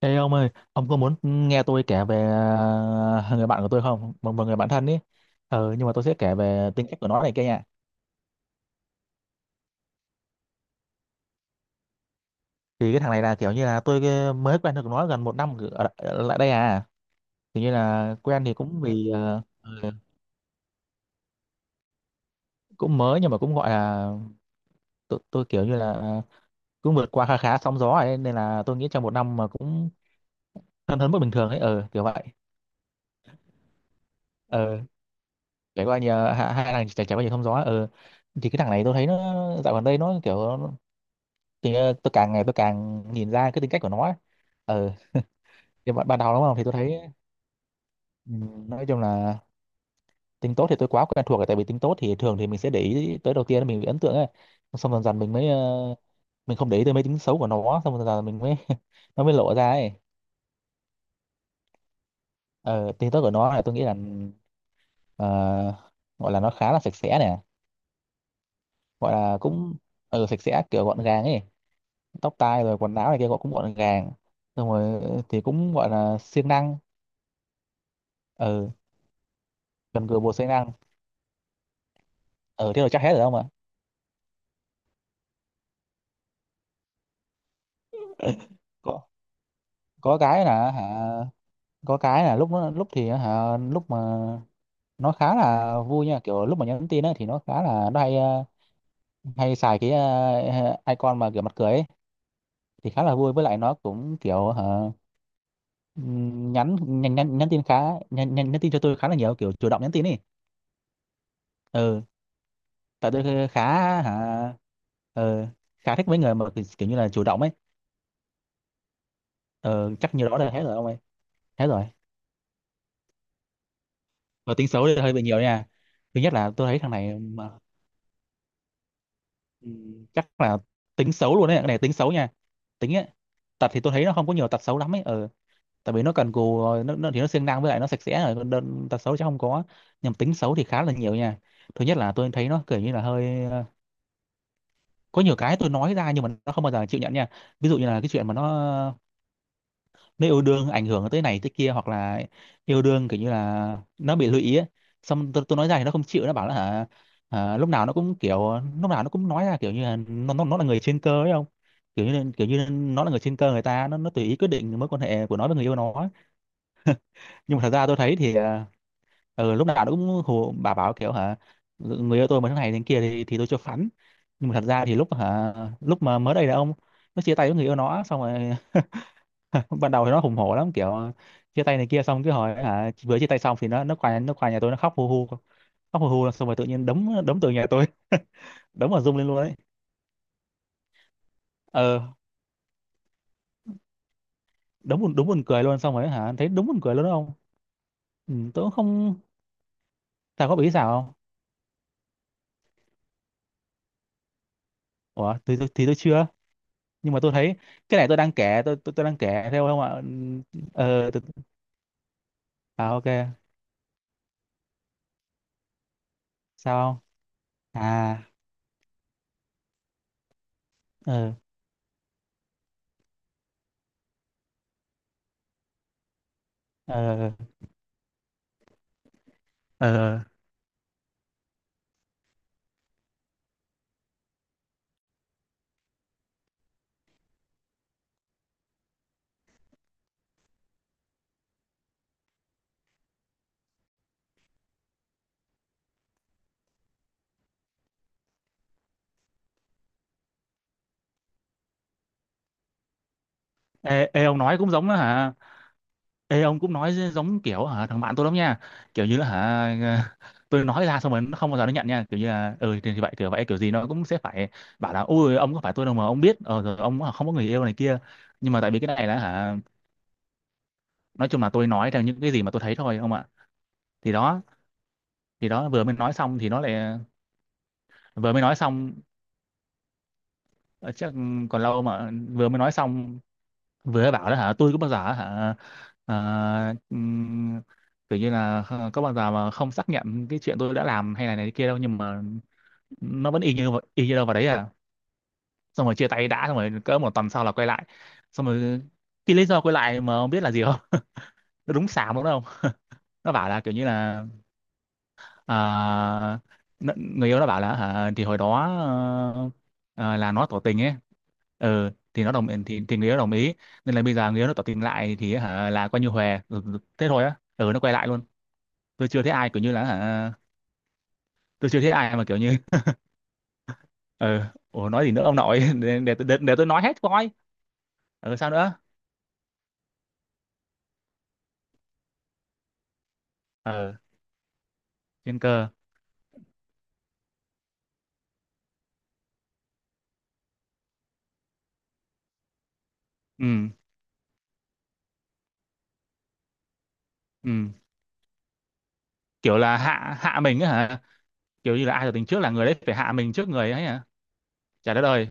Ê ông ơi, ông có muốn nghe tôi kể về người bạn của tôi không? Một người bạn thân ý. Nhưng mà tôi sẽ kể về tính cách của nó này kia nha. Thì cái thằng này là kiểu như là tôi mới quen được nó gần một năm ở lại đây à. Kiểu như là quen thì cũng vì cũng mới nhưng mà cũng gọi là tôi kiểu như là cũng vượt qua khá khá sóng gió ấy, nên là tôi nghĩ trong một năm mà cũng thân hơn mức bình thường ấy, kiểu vậy. Ờ, trải qua nhiều hai hai thằng trải trải qua nhiều sóng gió, thì cái thằng này tôi thấy nó dạo gần đây nó kiểu thì tôi càng ngày tôi càng nhìn ra cái tính cách của nó ấy. ờ thì ban ban đầu đúng không thì tôi thấy nói chung là tính tốt thì tôi quá quen thuộc rồi tại vì tính tốt thì thường thì mình sẽ để ý tới đầu tiên là mình bị ấn tượng ấy xong dần dần mình mới mình không để ý tới mấy tính xấu của nó xong dần dần mình mới nó mới lộ ra ấy ờ tính tốt của nó là tôi nghĩ là ờ, gọi là nó khá là sạch sẽ nè gọi là cũng sạch sẽ kiểu gọn gàng ấy tóc tai rồi quần áo này kia gọi cũng gọn gàng xong rồi thì cũng gọi là siêng năng ờ gần gũi bột siêng năng ừ thế rồi chắc hết rồi ông ạ có có cái là hả có cái là lúc nó lúc thì hả lúc mà nó khá là vui nha kiểu lúc mà nhắn tin á thì nó khá là nó hay hay xài cái icon mà kiểu mặt cười ấy thì khá là vui với lại nó cũng kiểu hả ừm, nhắn nhắn nhắn, nhắn tin khá nhắn tin cho tôi khá là nhiều kiểu chủ động nhắn tin ấy ừ tại tôi khá hả ờ, khá thích mấy người mà kiểu kiểu như là chủ động ấy ừ, chắc như đó là hết rồi ông ơi hết rồi và tính xấu thì hơi bị nhiều nha thứ nhất là tôi thấy thằng này mà chắc là tính xấu luôn đấy cái này tính xấu nha tính ấy tật thì tôi thấy nó không có nhiều tật xấu lắm ấy ừ. tại vì nó cần cù rồi nó thì nó siêng năng với lại nó sạch sẽ rồi còn đơn tật xấu chắc không có nhưng mà tính xấu thì khá là nhiều nha thứ nhất là tôi thấy nó kiểu như là hơi có nhiều cái tôi nói ra nhưng mà nó không bao giờ chịu nhận nha ví dụ như là cái chuyện mà nó nếu yêu đương ảnh hưởng tới này tới kia hoặc là yêu đương kiểu như là nó bị lụy ý ấy. Xong tôi nói ra thì nó không chịu nó bảo là hả lúc nào nó cũng kiểu lúc nào nó cũng nói ra kiểu như là nó là người trên cơ ấy không kiểu kiểu như nó là người trên cơ người ta nó tùy ý quyết định mối quan hệ của nó với người yêu nó ấy. Nhưng mà thật ra tôi thấy thì lúc nào nó cũng hù bà bảo kiểu hả người yêu tôi mà thế này thế kia thì tôi cho phắn nhưng mà thật ra thì lúc hả lúc mà mới đây là ông nó chia tay với người yêu nó xong rồi ban đầu thì nó hùng hổ lắm kiểu chia tay này kia xong cứ hỏi hả vừa chia tay xong thì nó qua nhà tôi nó khóc hu hu xong rồi tự nhiên đấm đấm từ nhà tôi đấm vào rung lên luôn đấy ờ đúng đúng buồn cười luôn xong rồi hả thấy đúng buồn cười luôn đó không ừ, tôi cũng không thà có bị sao không ủa thì tôi chưa nhưng mà tôi thấy cái này tôi đang kể tôi đang kể theo không ạ Ừ, tôi, à ok sao không à ờ ờ ờ ờ. ê, ê ông nói cũng giống đó hả Ê ông cũng nói giống kiểu hả thằng bạn tôi lắm nha kiểu như là hả tôi nói ra xong rồi nó không bao giờ nó nhận nha kiểu như là ừ thì vậy kiểu gì nó cũng sẽ phải bảo là ui ông có phải tôi đâu mà ông biết rồi ông hả, không có người yêu này kia nhưng mà tại vì cái này là hả nói chung là tôi nói theo những cái gì mà tôi thấy thôi ông ạ thì đó thì đó vừa mới nói xong thì nó lại vừa mới nói xong ờ, chắc còn lâu mà vừa mới nói xong vừa bảo đó hả tôi cũng bao giờ hả ờ, ừm, kiểu như là có bao giờ mà không xác nhận cái chuyện tôi đã làm hay là này kia đâu nhưng mà nó vẫn y như đâu vào đấy à xong rồi chia tay đã xong rồi cỡ một tuần sau là quay lại xong rồi cái lý do quay lại mà không biết là gì không nó đúng xàm đúng không nó bảo là kiểu như là à, n- người yêu nó bảo là hả thì hồi đó là nó tỏ tình ấy ừ thì nó thì người yêu đồng ý nên là bây giờ người yêu nó tỏ tình lại thì hả là coi như hòa thế thôi á nó quay lại luôn tôi chưa thấy ai kiểu như là hả tôi chưa thấy ai mà kiểu như ừ ủa nói gì nữa ông nội để tôi nói hết coi ừ sao nữa ừ trên cơ ừ ừ kiểu là hạ hạ mình á hả kiểu như là ai tỏ tình trước là người đấy phải hạ mình trước người ấy hả chả đất ơi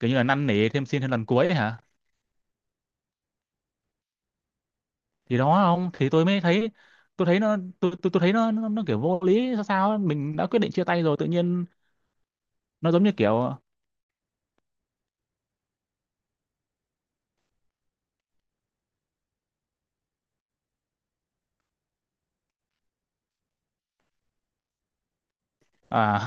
kiểu như là năn nỉ thêm xin thêm lần cuối ấy hả thì đó không thì tôi mới thấy tôi thấy nó tôi thấy nó kiểu vô lý sao sao ấy. Mình đã quyết định chia tay rồi tự nhiên nó giống như kiểu à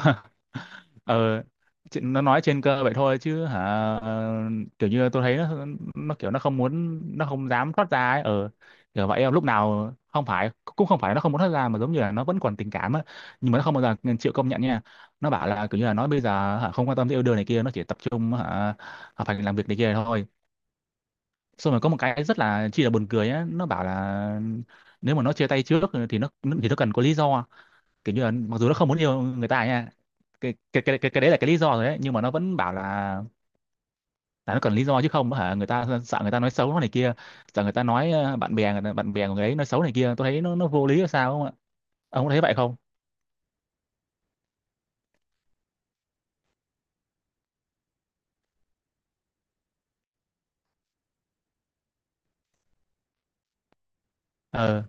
ờ nó nói trên cơ vậy thôi chứ hả ờ, kiểu như tôi thấy nó kiểu nó không muốn nó không dám thoát ra ấy kiểu vậy lúc nào không phải cũng không phải nó không muốn thoát ra mà giống như là nó vẫn còn tình cảm á nhưng mà nó không bao giờ chịu công nhận nha nó bảo là kiểu như là nó bây giờ hả, không quan tâm tới yêu đương này kia nó chỉ tập trung hả phải làm việc này kia thôi xong rồi có một cái rất là chi là buồn cười á nó bảo là nếu mà nó chia tay trước thì nó cần có lý do kiểu như là mặc dù nó không muốn yêu người ta nha cái đấy là cái lý do rồi đấy nhưng mà nó vẫn bảo là nó cần lý do chứ không hả người ta sợ người ta nói xấu nó này kia sợ người ta nói bạn bè của người ấy nói xấu này kia tôi thấy nó vô lý là sao không ạ ông có thấy vậy không ờ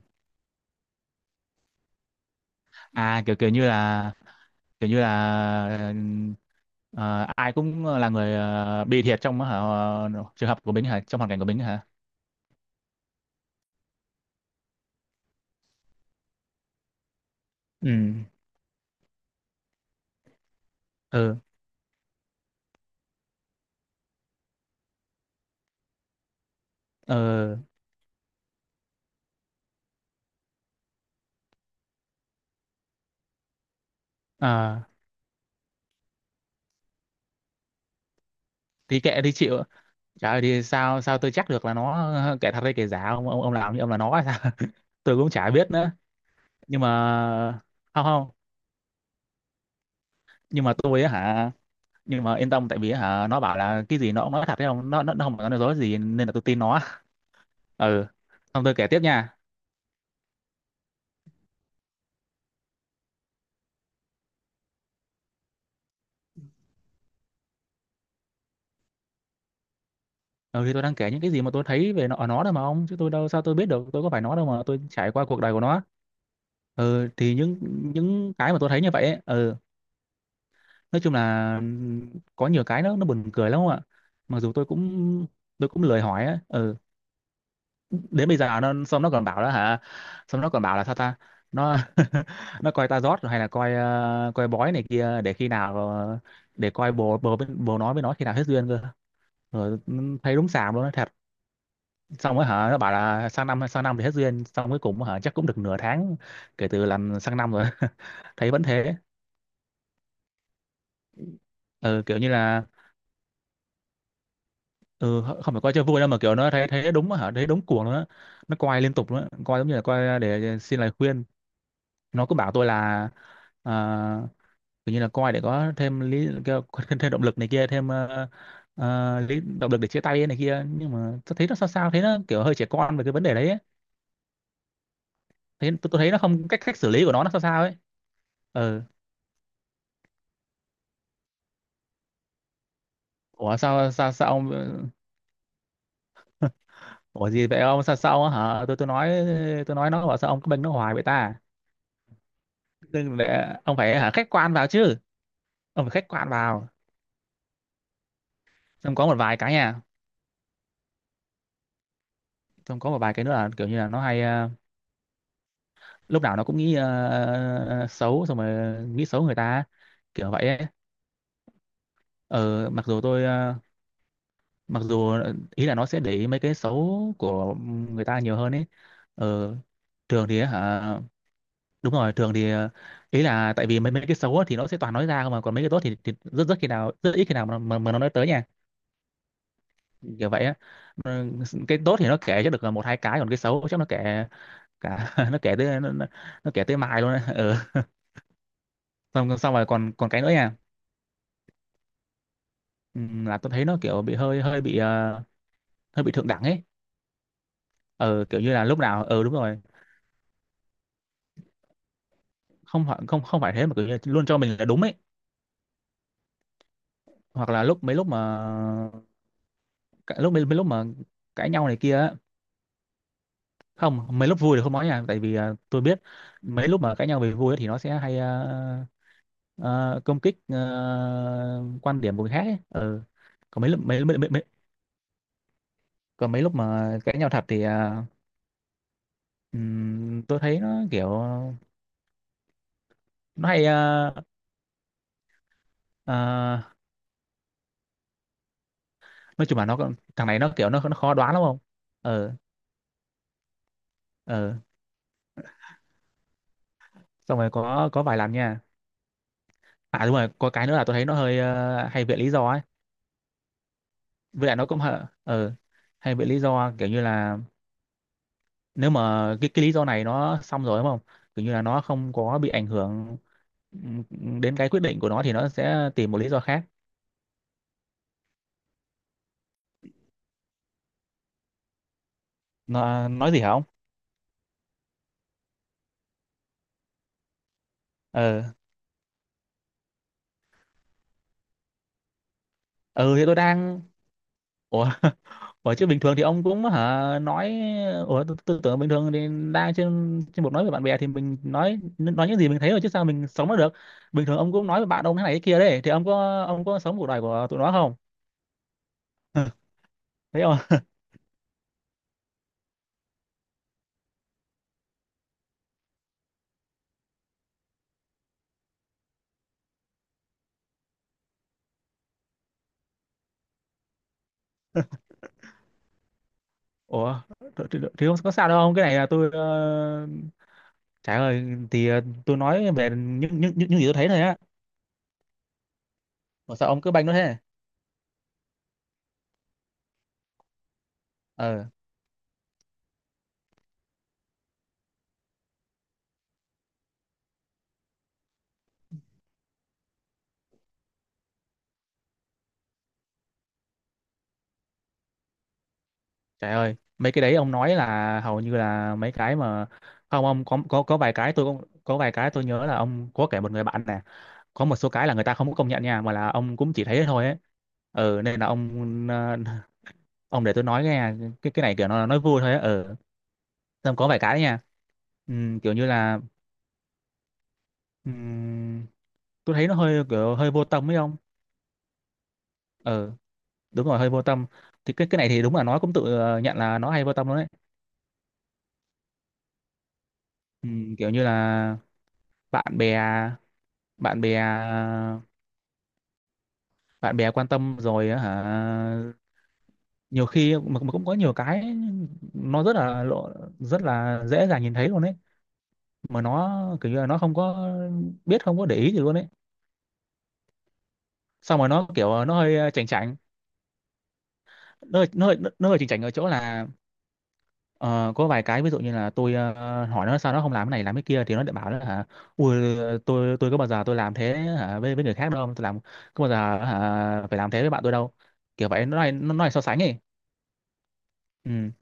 à kiểu kiểu như là ờ, ai cũng là người bị thiệt trong trường hợp của mình hả trong hoàn cảnh của mình hả ừ ừ ờ à, thì kệ đi chịu trời ơi, thì sao sao tôi chắc được là nó kẻ thật hay kẻ giả ông làm như ông là nó hay sao tôi cũng chả biết nữa nhưng mà không không nhưng mà tôi á hả nhưng mà yên tâm tại vì á hả nó bảo là cái gì nó cũng nói thật đấy không nó không có nói dối gì nên là tôi tin nó ừ xong tôi kể tiếp nha ừ thì tôi đang kể những cái gì mà tôi thấy về nó ở nó đâu mà ông chứ tôi đâu sao tôi biết được tôi có phải nó đâu mà tôi trải qua cuộc đời của nó ừ thì những cái mà tôi thấy như vậy ấy, ừ nói chung là có nhiều cái nó buồn cười lắm không ạ mặc dù Tôi cũng lười hỏi á, ừ. Đến bây giờ nó xong nó còn bảo đó hả, xong nó còn bảo là sao ta. Nó nó coi ta rót hay là coi coi bói này kia để khi nào để coi bồ bồ bên- bồ nói với nó khi nào hết duyên cơ rồi, ừ, thấy đúng xàm luôn nó thật. Xong rồi hả nó bảo là sang năm thì hết duyên, xong cuối cùng hả chắc cũng được nửa tháng kể từ làm sang năm rồi. Thấy vẫn thế. Ừ, kiểu như là, ừ, không phải coi cho vui đâu mà kiểu nó thấy thấy đúng hả, thấy đúng cuồng luôn á. Nó coi liên tục luôn á, coi giống như là coi để xin lời khuyên. Nó cứ bảo tôi là, à, kiểu như là coi để có thêm thêm, thêm động lực này kia, thêm lý động lực để chia tay ấy này kia, nhưng mà tôi thấy nó sao sao, thấy nó kiểu hơi trẻ con về cái vấn đề đấy ấy. Thấy tôi thấy nó không, cách cách xử lý của nó sao sao ấy. Ừ. Ủa sao sao sao ông, ủa gì vậy ông, sao sao hả, tôi nói. Tôi nói nó bảo sao ông cứ bênh nó hoài vậy ta, đừng để ông phải hả khách quan vào chứ, ông phải khách quan vào. Xong có một vài cái nha, xong có một vài cái nữa là kiểu như là nó hay lúc nào nó cũng nghĩ xấu, xong rồi nghĩ xấu người ta, kiểu vậy ấy. Ờ, mặc dù mặc dù ý là nó sẽ để ý mấy cái xấu của người ta nhiều hơn ấy. ờ, Thường thì hả, đúng rồi, thường thì, ý là tại vì mấy mấy cái xấu á thì nó sẽ toàn nói ra không, mà còn mấy cái tốt thì rất rất khi nào rất ít khi nào mà nó nói tới nha, kiểu vậy á. Ờ, cái tốt thì nó kể cho được là một hai cái, còn cái xấu chắc nó kể cả nó kể tới nó kể tới mai luôn đấy, ừ. xong Xong rồi còn còn cái nữa nha, ừ, là tôi thấy nó kiểu bị hơi hơi bị hơi bị thượng đẳng ấy. Ờ, kiểu như là lúc nào ờ đúng rồi, không phải, không không phải thế, mà kiểu như luôn cho mình là đúng ấy. Hoặc là lúc mà, mấy lúc mà cãi nhau này kia á. Không, mấy lúc vui thì không nói nha, tại vì tôi biết mấy lúc mà cãi nhau về vui ấy, thì nó sẽ hay công kích quan điểm của người khác ấy. Ờ. Còn mấy lúc mấy còn mấy lúc mà cãi nhau thật thì ừm, tôi thấy nó kiểu nó hay ờ, nói chung là thằng này nó kiểu nó khó đoán lắm không. Ờ. Ờ. Xong rồi có vài lần nha, à đúng rồi có cái nữa là tôi thấy nó hơi hay viện lý do ấy. Với lại nó cũng ờ hay viện lý do, kiểu như là nếu mà cái lý do này nó xong rồi đúng không, kiểu như là nó không có bị ảnh hưởng ừm, đến cái quyết định của nó, thì nó sẽ tìm một lý do khác. Nó nói gì hả ông. Ờ. Ừ thì tôi đang, ủa bởi chứ bình thường thì ông cũng hả nói, ủa tôi tưởng bình thường thì đang trên trên một nói với bạn bè thì mình nói những gì mình thấy rồi chứ sao mình sống nó được. Bình thường ông cũng nói với bạn ông thế này thế kia đấy, thì ông có, ông có sống cuộc đời của tụi nó không? Thấy không? Ủa thì không có sao đâu ông. Cái này là trời ơi thì tôi nói về những gì tôi thấy thôi á. Mà sao ông cứ banh nó thế? Ờ, trời ơi mấy cái đấy ông nói là hầu như là mấy cái mà, không ông có vài cái có vài cái tôi nhớ là ông có kể một người bạn nè, có một số cái là người ta không có công nhận nha, mà là ông cũng chỉ thấy thế thôi ấy. Ừ, nên là ông ông để tôi nói nghe. Cái này kiểu nó nói vui thôi ấy, ừ. Xong có vài cái đấy nha. Kiểu như là, ừm, tôi thấy nó hơi kiểu hơi vô tâm ấy không. Ừ, đúng rồi, hơi vô tâm. Thì cái này thì đúng là nó cũng tự nhận là nó hay vô tâm luôn đấy. Kiểu như là bạn bè, bạn bè, bạn bè quan tâm rồi á hả, nhiều khi mà cũng có nhiều cái nó rất là lộ, rất là dễ dàng nhìn thấy luôn ấy, mà nó kiểu như là nó không có biết, không có để ý gì luôn ấy. Xong rồi nó kiểu nó hơi chảnh chảnh, nó hơi chảnh chảnh ở chỗ là ờ, có vài cái ví dụ như là hỏi nó sao nó không làm cái này làm cái kia, thì nó lại bảo là hả, ui tôi có bao giờ tôi làm thế hả với người khác đâu, tôi làm có bao giờ hả, phải làm thế với bạn tôi đâu, kiểu vậy, nó này so sánh ấy. Ừ.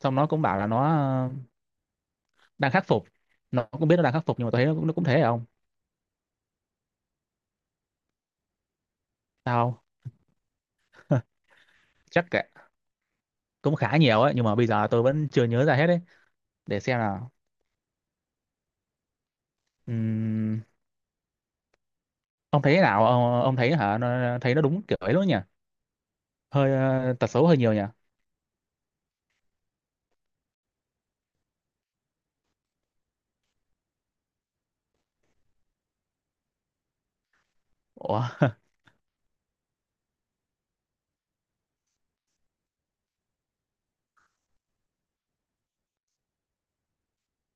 Xong nó cũng bảo là ờ, đang khắc phục, nó cũng biết nó đang khắc phục, nhưng mà tôi thấy nó cũng thế không. Sao? Không? Chắc cả cũng khá nhiều ấy, nhưng mà bây giờ tôi vẫn chưa nhớ ra hết ấy. Để xem nào. Ừm, ông thấy thế nào ông, thấy nó đúng kiểu ấy luôn nhỉ, hơi tật xấu hơi nhiều nhỉ. Ủa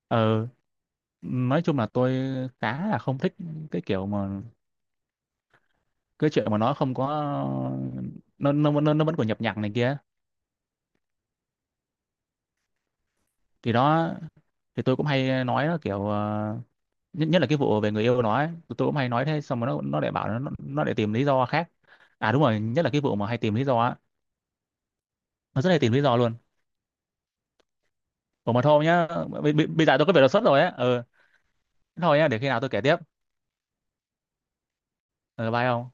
ờ nói chung là tôi khá là không thích cái kiểu mà cái chuyện mà nó không có nó vẫn còn nhập nhằng này kia. Thì đó, thì tôi cũng hay nói nó kiểu nhất nhất là cái vụ về người yêu nó ấy, tôi cũng hay nói thế, xong rồi nó lại bảo nó lại tìm lý do khác. À đúng rồi, nhất là cái vụ mà hay tìm lý do á, nó rất hay tìm lý do luôn. Ủa mà thôi nhá, bây, bây bây giờ tôi có việc đột xuất rồi á. Ừ. Thôi nhá, để khi nào tôi kể tiếp. Ừ, bye ông.